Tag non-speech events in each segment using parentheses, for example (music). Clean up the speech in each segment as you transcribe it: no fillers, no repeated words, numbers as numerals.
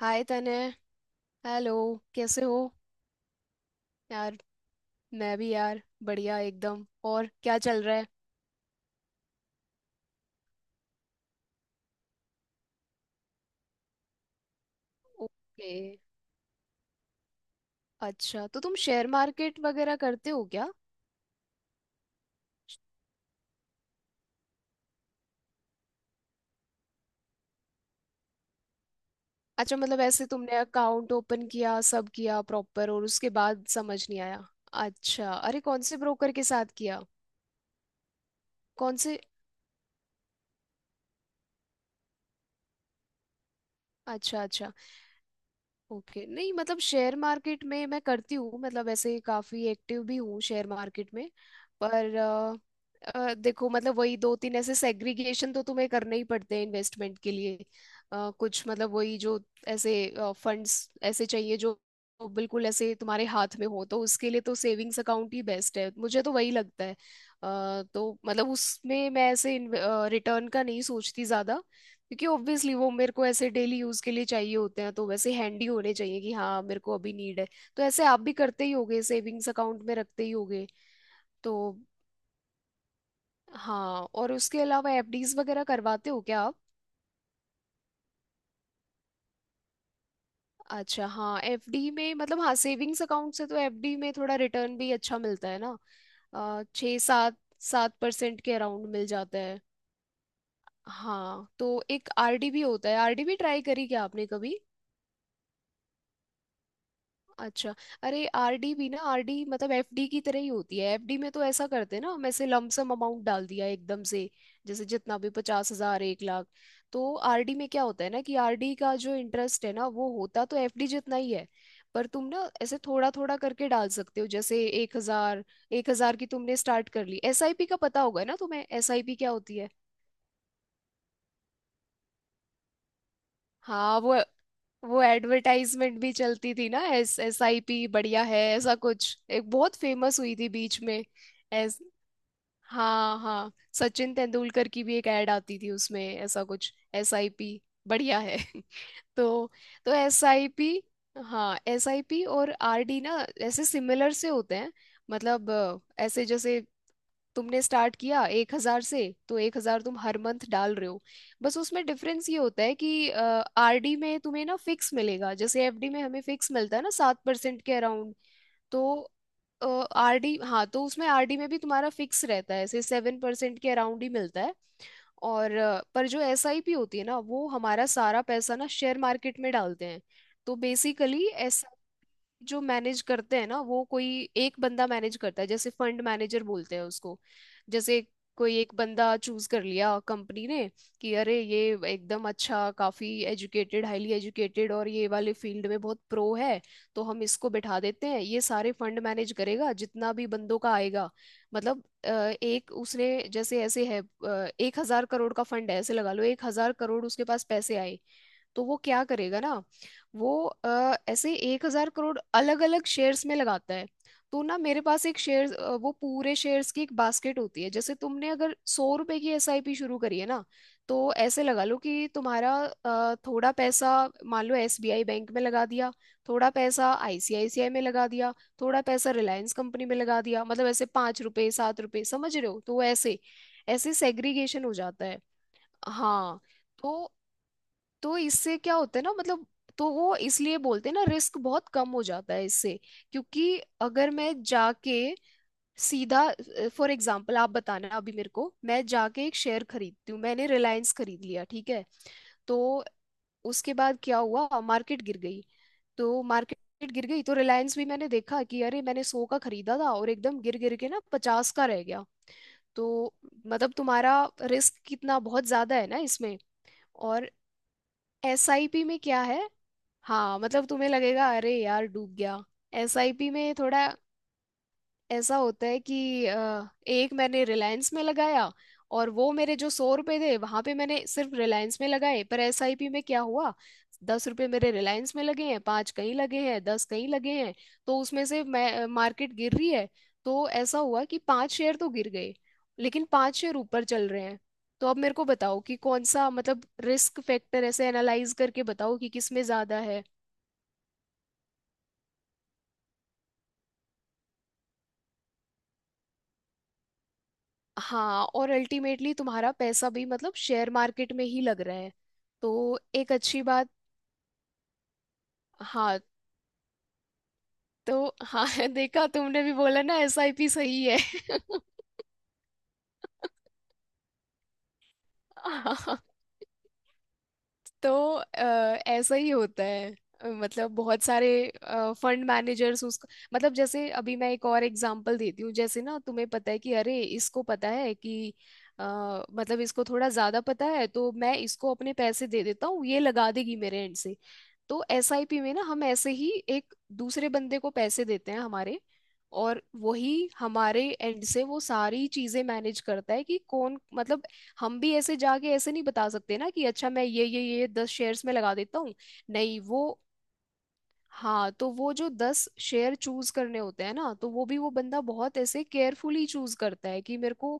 हाय तने। हेलो। कैसे हो यार? मैं भी यार बढ़िया एकदम। और क्या चल रहा है? ओके। अच्छा, तो तुम शेयर मार्केट वगैरह करते हो क्या? अच्छा, मतलब ऐसे तुमने अकाउंट ओपन किया, सब किया प्रॉपर, और उसके बाद समझ नहीं आया? अच्छा, अरे कौन से ब्रोकर के साथ किया? कौन से? अच्छा अच्छा। ओके, नहीं मतलब शेयर मार्केट में मैं करती हूँ, मतलब ऐसे काफी एक्टिव भी हूँ शेयर मार्केट में। पर देखो, मतलब वही दो तीन ऐसे सेग्रीगेशन तो तुम्हें करने ही पड़ते हैं इन्वेस्टमेंट के लिए। कुछ मतलब वही जो ऐसे फंड्स ऐसे चाहिए जो बिल्कुल ऐसे तुम्हारे हाथ में हो, तो उसके लिए तो सेविंग्स अकाउंट ही बेस्ट है, मुझे तो वही लगता है। तो मतलब उसमें मैं ऐसे रिटर्न का नहीं सोचती ज्यादा, क्योंकि ऑब्वियसली वो मेरे को ऐसे डेली यूज के लिए चाहिए होते हैं, तो वैसे हैंडी होने चाहिए कि हाँ मेरे को अभी नीड है। तो ऐसे आप भी करते ही होगे, सेविंग्स अकाउंट में रखते ही होगे तो। हाँ, और उसके अलावा एफडीज वगैरह करवाते हो क्या आप? अच्छा हाँ, एफडी में मतलब हाँ, सेविंग्स अकाउंट से तो एफडी में थोड़ा रिटर्न भी अच्छा मिलता है ना। छः सात 7% के अराउंड मिल जाता है। हाँ, तो एक आरडी भी होता है। आरडी भी ट्राई करी क्या आपने कभी? अच्छा, अरे आरडी भी ना, आरडी मतलब एफडी की तरह ही होती है। एफडी में तो ऐसा करते हैं ना हम, ऐसे लमसम अमाउंट डाल दिया एकदम से, जैसे जितना भी, 50,000, 1 लाख। तो आरडी में क्या होता है ना, कि आरडी का जो इंटरेस्ट है ना वो होता तो एफडी जितना ही है, पर तुम ना ऐसे थोड़ा थोड़ा करके डाल सकते हो, जैसे 1,000। 1,000 की तुमने स्टार्ट कर ली। एसआईपी का पता होगा ना तुम्हें, एसआईपी क्या होती है? हाँ वो एडवर्टाइजमेंट भी चलती थी ना, एस एस आई पी बढ़िया है, ऐसा कुछ, एक बहुत फेमस हुई थी बीच में। एस, हाँ हाँ, सचिन तेंदुलकर की भी एक एड आती थी उसमें, ऐसा कुछ, एस आई पी बढ़िया है (laughs) तो तो एस आई पी, हाँ, एस आई पी और आर डी ना ऐसे सिमिलर से होते हैं। मतलब ऐसे जैसे तुमने स्टार्ट किया 1,000 से, तो 1,000 तुम हर मंथ डाल रहे हो। बस उसमें डिफरेंस ये होता है कि आरडी में तुम्हें ना फिक्स मिलेगा, जैसे एफडी में हमें फिक्स मिलता है ना, 7% के अराउंड। तो आरडी, हाँ तो उसमें आरडी में भी तुम्हारा फिक्स रहता है, ऐसे 7% के अराउंड ही मिलता है। और पर जो एसआईपी होती है ना, वो हमारा सारा पैसा ना शेयर मार्केट में डालते हैं। तो बेसिकली एस, जो मैनेज करते हैं ना, वो कोई एक बंदा मैनेज करता है, जैसे फंड मैनेजर बोलते हैं उसको। जैसे कोई एक बंदा चूज कर लिया कंपनी ने कि अरे ये एकदम अच्छा, काफी एजुकेटेड, हाईली एजुकेटेड, और ये वाले फील्ड में बहुत प्रो है, तो हम इसको बिठा देते हैं, ये सारे फंड मैनेज करेगा जितना भी बंदों का आएगा। मतलब एक उसने जैसे ऐसे है, 1,000 करोड़ का फंड है। ऐसे लगा लो 1,000 करोड़ उसके पास पैसे आए, तो वो क्या करेगा ना, वो ऐसे 1,000 करोड़ अलग अलग शेयर्स में लगाता है। तो ना, मेरे पास एक शेयर, वो पूरे शेयर्स की एक बास्केट होती है। जैसे तुमने अगर 100 रुपए की एसआईपी शुरू करी है ना, तो ऐसे लगा लो कि तुम्हारा थोड़ा पैसा मान लो एसबीआई बैंक में लगा दिया, थोड़ा पैसा आईसीआईसीआई में लगा दिया, थोड़ा पैसा रिलायंस कंपनी में लगा दिया, मतलब ऐसे 5 रुपए 7 रुपए, समझ रहे हो? तो ऐसे ऐसे सेग्रीगेशन हो जाता है। हाँ। तो तो इससे क्या होता है ना मतलब, तो वो इसलिए बोलते हैं ना, रिस्क बहुत कम हो जाता है इससे। क्योंकि अगर मैं जाके सीधा, फॉर एग्जांपल आप बताना, अभी मेरे को मैं जाके एक शेयर खरीदती हूँ, मैंने रिलायंस खरीद लिया, ठीक है। तो उसके बाद क्या हुआ, मार्केट गिर गई। तो मार्केट गिर गई, तो रिलायंस भी मैंने देखा कि अरे मैंने 100 का खरीदा था और एकदम गिर गिर के ना 50 का रह गया। तो मतलब तुम्हारा रिस्क कितना बहुत ज्यादा है ना इसमें। और एसआईपी में क्या है, हाँ मतलब तुम्हें लगेगा अरे यार डूब गया। एसआईपी में थोड़ा ऐसा होता है कि एक मैंने रिलायंस में लगाया, और वो मेरे जो 100 रुपए थे वहां पे मैंने सिर्फ रिलायंस में लगाए, पर एसआईपी में क्या हुआ, 10 रुपए मेरे रिलायंस में लगे हैं, पांच कहीं लगे हैं, दस कहीं लगे हैं। तो उसमें से मैं, मार्केट गिर रही है, तो ऐसा हुआ कि पांच शेयर तो गिर गए, लेकिन पांच शेयर ऊपर चल रहे हैं। तो अब मेरे को बताओ कि कौन सा, मतलब रिस्क फैक्टर ऐसे एनालाइज करके बताओ कि किस में ज्यादा है। हाँ, और अल्टीमेटली तुम्हारा पैसा भी मतलब शेयर मार्केट में ही लग रहा है, तो एक अच्छी बात। हाँ, तो हाँ (laughs) देखा, तुमने भी बोला ना एसआईपी सही है (laughs) हाँ, तो ऐसा ही होता है। मतलब बहुत सारे फंड मैनेजर्स उसको, मतलब जैसे अभी मैं एक और एग्जांपल देती हूँ, जैसे ना तुम्हें पता है कि अरे इसको पता है कि अ, मतलब इसको थोड़ा ज्यादा पता है, तो मैं इसको अपने पैसे दे देता हूँ, ये लगा देगी मेरे एंड से। तो एसआईपी में ना हम ऐसे ही एक दूसरे बंदे को पैसे देते हैं हमारे, और वही हमारे एंड से वो सारी चीजें मैनेज करता है कि कौन, मतलब हम भी ऐसे जाके ऐसे नहीं बता सकते ना कि अच्छा मैं ये 10 शेयर्स में लगा देता हूँ। नहीं वो, हाँ तो वो जो 10 शेयर चूज करने होते हैं ना, तो वो भी वो बंदा बहुत ऐसे केयरफुली चूज करता है कि मेरे को।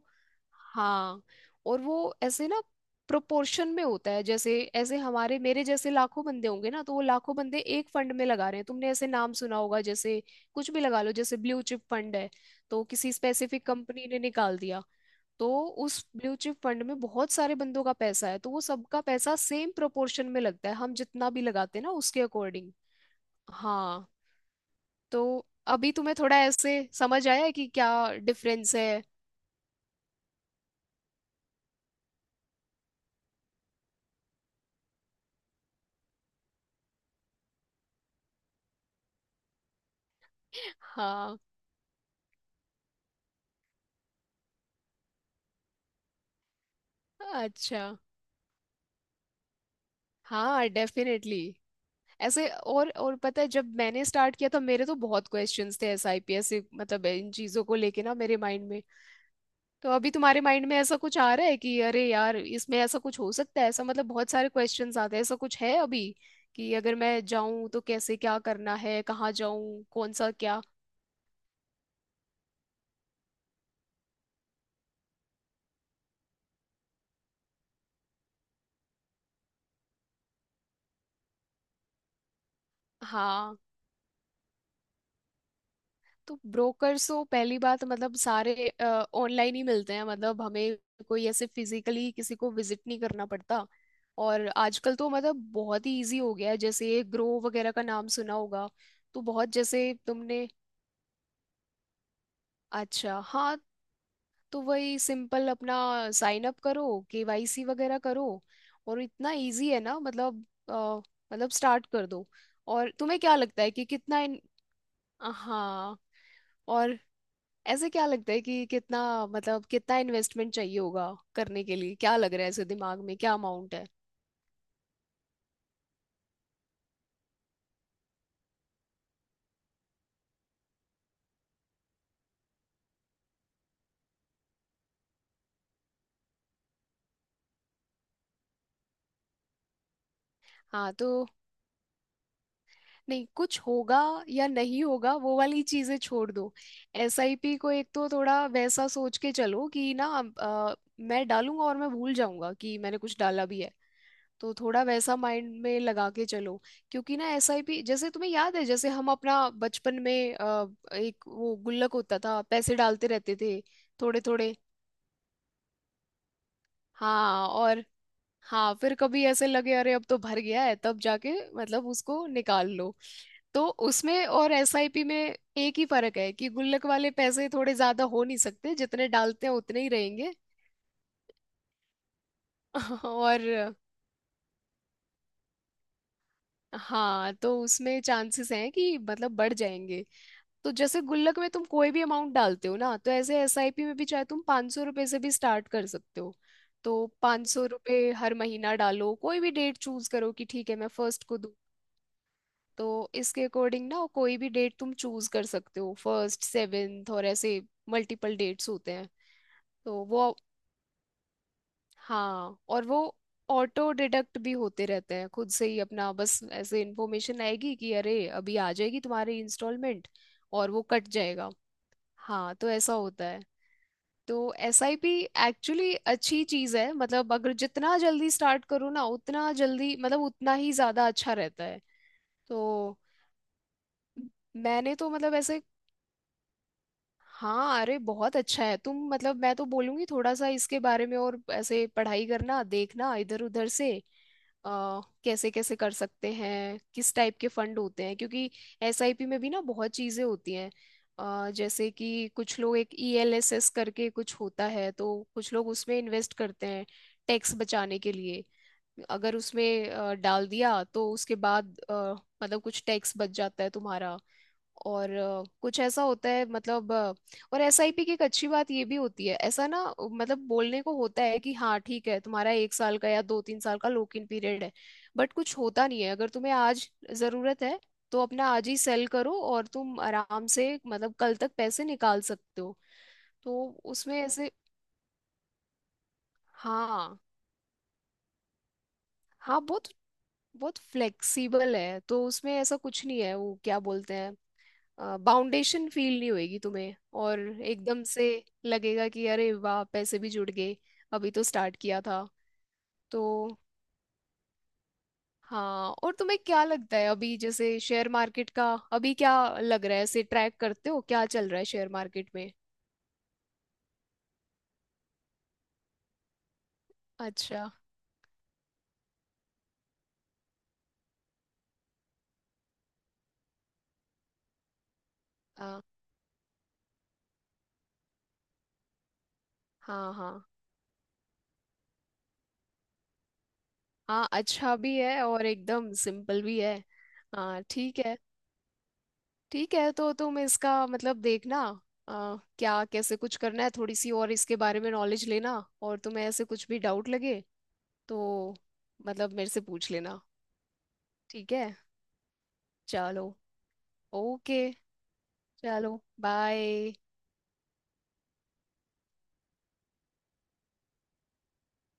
हाँ, और वो ऐसे ना प्रोपोर्शन में होता है, जैसे ऐसे हमारे, मेरे जैसे लाखों बंदे होंगे ना, तो वो लाखों बंदे एक फंड में लगा रहे हैं। तुमने ऐसे नाम सुना होगा जैसे, कुछ भी लगा लो, जैसे ब्लू चिप फंड है, तो किसी स्पेसिफिक कंपनी ने निकाल दिया। तो उस ब्लू चिप फंड में बहुत सारे बंदों का पैसा है, तो वो सबका पैसा सेम प्रोपोर्शन में लगता है, हम जितना भी लगाते हैं ना उसके अकॉर्डिंग। हाँ। तो अभी तुम्हें थोड़ा ऐसे समझ आया है कि क्या डिफरेंस है? हाँ। अच्छा हाँ, डेफिनेटली। ऐसे, और पता है, जब मैंने स्टार्ट किया था, मेरे तो बहुत क्वेश्चंस थे एसआईपीएस से, मतलब इन चीज़ों को लेके ना मेरे माइंड में। तो अभी तुम्हारे माइंड में ऐसा कुछ आ रहा है कि अरे यार इसमें ऐसा कुछ हो सकता है, ऐसा मतलब बहुत सारे क्वेश्चंस आते हैं, ऐसा कुछ है अभी, कि अगर मैं जाऊं तो कैसे, क्या करना है, कहाँ जाऊं, कौन सा क्या? हाँ, तो ब्रोकर्स तो पहली बात तो मतलब सारे ऑनलाइन ही मिलते हैं, मतलब हमें कोई ऐसे फिजिकली किसी को विजिट नहीं करना पड़ता। और आजकल तो मतलब बहुत ही इजी हो गया है, जैसे ये ग्रो वगैरह का नाम सुना होगा। तो बहुत, जैसे तुमने, अच्छा हाँ, तो वही सिंपल अपना साइन अप करो, केवाईसी वगैरह करो, और इतना इजी है ना मतलब, अ, मतलब स्टार्ट कर दो। और तुम्हें क्या लगता है कि कितना इन, हाँ, और ऐसे क्या लगता है कि कितना, मतलब कितना इन्वेस्टमेंट चाहिए होगा करने के लिए, क्या लग रहा है ऐसे दिमाग में, क्या अमाउंट है? हाँ, तो नहीं कुछ होगा या नहीं होगा वो वाली चीजें छोड़ दो। एसआईपी को एक तो थोड़ा वैसा सोच के चलो कि ना, अ, मैं डालूंगा और मैं भूल जाऊंगा कि मैंने कुछ डाला भी है, तो थोड़ा वैसा माइंड में लगा के चलो। क्योंकि ना एसआईपी, जैसे तुम्हें याद है, जैसे हम अपना बचपन में एक वो गुल्लक होता था, पैसे डालते रहते थे थोड़े थोड़े। हाँ और, हाँ फिर कभी ऐसे लगे अरे अब तो भर गया है, तब जाके मतलब उसको निकाल लो। तो उसमें और एसआईपी में एक ही फर्क है कि गुल्लक वाले पैसे थोड़े ज्यादा हो नहीं सकते, जितने डालते हैं उतने ही रहेंगे (laughs) और हाँ, तो उसमें चांसेस हैं कि मतलब बढ़ जाएंगे। तो जैसे गुल्लक में तुम कोई भी अमाउंट डालते हो ना, तो ऐसे एसआईपी में भी चाहे तुम 500 रुपये से भी स्टार्ट कर सकते हो। तो 500 रुपये हर महीना डालो, कोई भी डेट चूज करो कि ठीक है मैं फर्स्ट को दूँ। तो इसके अकॉर्डिंग ना कोई भी डेट तुम चूज कर सकते हो, फर्स्ट, सेवेंथ, और ऐसे मल्टीपल डेट्स होते हैं। तो वो, हाँ, और वो ऑटो डिडक्ट भी होते रहते हैं खुद से ही अपना, बस ऐसे इन्फॉर्मेशन आएगी कि अरे अभी आ जाएगी तुम्हारी इंस्टॉलमेंट, और वो कट जाएगा। हाँ तो ऐसा होता है। तो एसआईपी एक्चुअली अच्छी चीज़ है, मतलब अगर जितना जल्दी स्टार्ट करो ना उतना जल्दी, मतलब उतना ही ज़्यादा अच्छा रहता है। तो मैंने तो मतलब ऐसे, हाँ अरे बहुत अच्छा है। तुम मतलब मैं तो बोलूंगी थोड़ा सा इसके बारे में और ऐसे पढ़ाई करना, देखना इधर उधर से, कैसे कैसे कर सकते हैं, किस टाइप के फंड होते हैं, क्योंकि एसआईपी में भी ना बहुत चीजें होती हैं। जैसे कि कुछ लोग एक ईएलएसएस करके कुछ होता है, तो कुछ लोग उसमें इन्वेस्ट करते हैं टैक्स बचाने के लिए। अगर उसमें डाल दिया तो उसके बाद मतलब कुछ टैक्स बच जाता है तुम्हारा। और कुछ ऐसा होता है, मतलब और एसआईपी की एक अच्छी बात ये भी होती है, ऐसा ना मतलब बोलने को होता है कि हाँ ठीक है, तुम्हारा 1 साल का या दो तीन साल का लॉक इन पीरियड है, बट कुछ होता नहीं है। अगर तुम्हें आज जरूरत है तो अपना आज ही सेल करो और तुम आराम से मतलब कल तक पैसे निकाल सकते हो। तो उसमें ऐसे, हाँ हाँ, बहुत बहुत फ्लेक्सिबल है, तो उसमें ऐसा कुछ नहीं है, वो क्या बोलते हैं, बाउंडेशन फील नहीं होएगी तुम्हें। और एकदम से लगेगा कि अरे वाह पैसे भी जुड़ गए, अभी तो स्टार्ट किया था। तो हाँ, और तुम्हें क्या लगता है अभी जैसे शेयर मार्केट का अभी क्या लग रहा है, ऐसे ट्रैक करते हो क्या चल रहा है शेयर मार्केट में? अच्छा। हाँ हाँ हाँ हाँ। अच्छा भी है और एकदम सिंपल भी है। हाँ ठीक है। ठीक है, तो तुम इसका मतलब देखना, क्या कैसे कुछ करना है, थोड़ी सी और इसके बारे में नॉलेज लेना, और तुम्हें ऐसे कुछ भी डाउट लगे तो मतलब मेरे से पूछ लेना। ठीक है। चलो, ओके। चलो। बाय।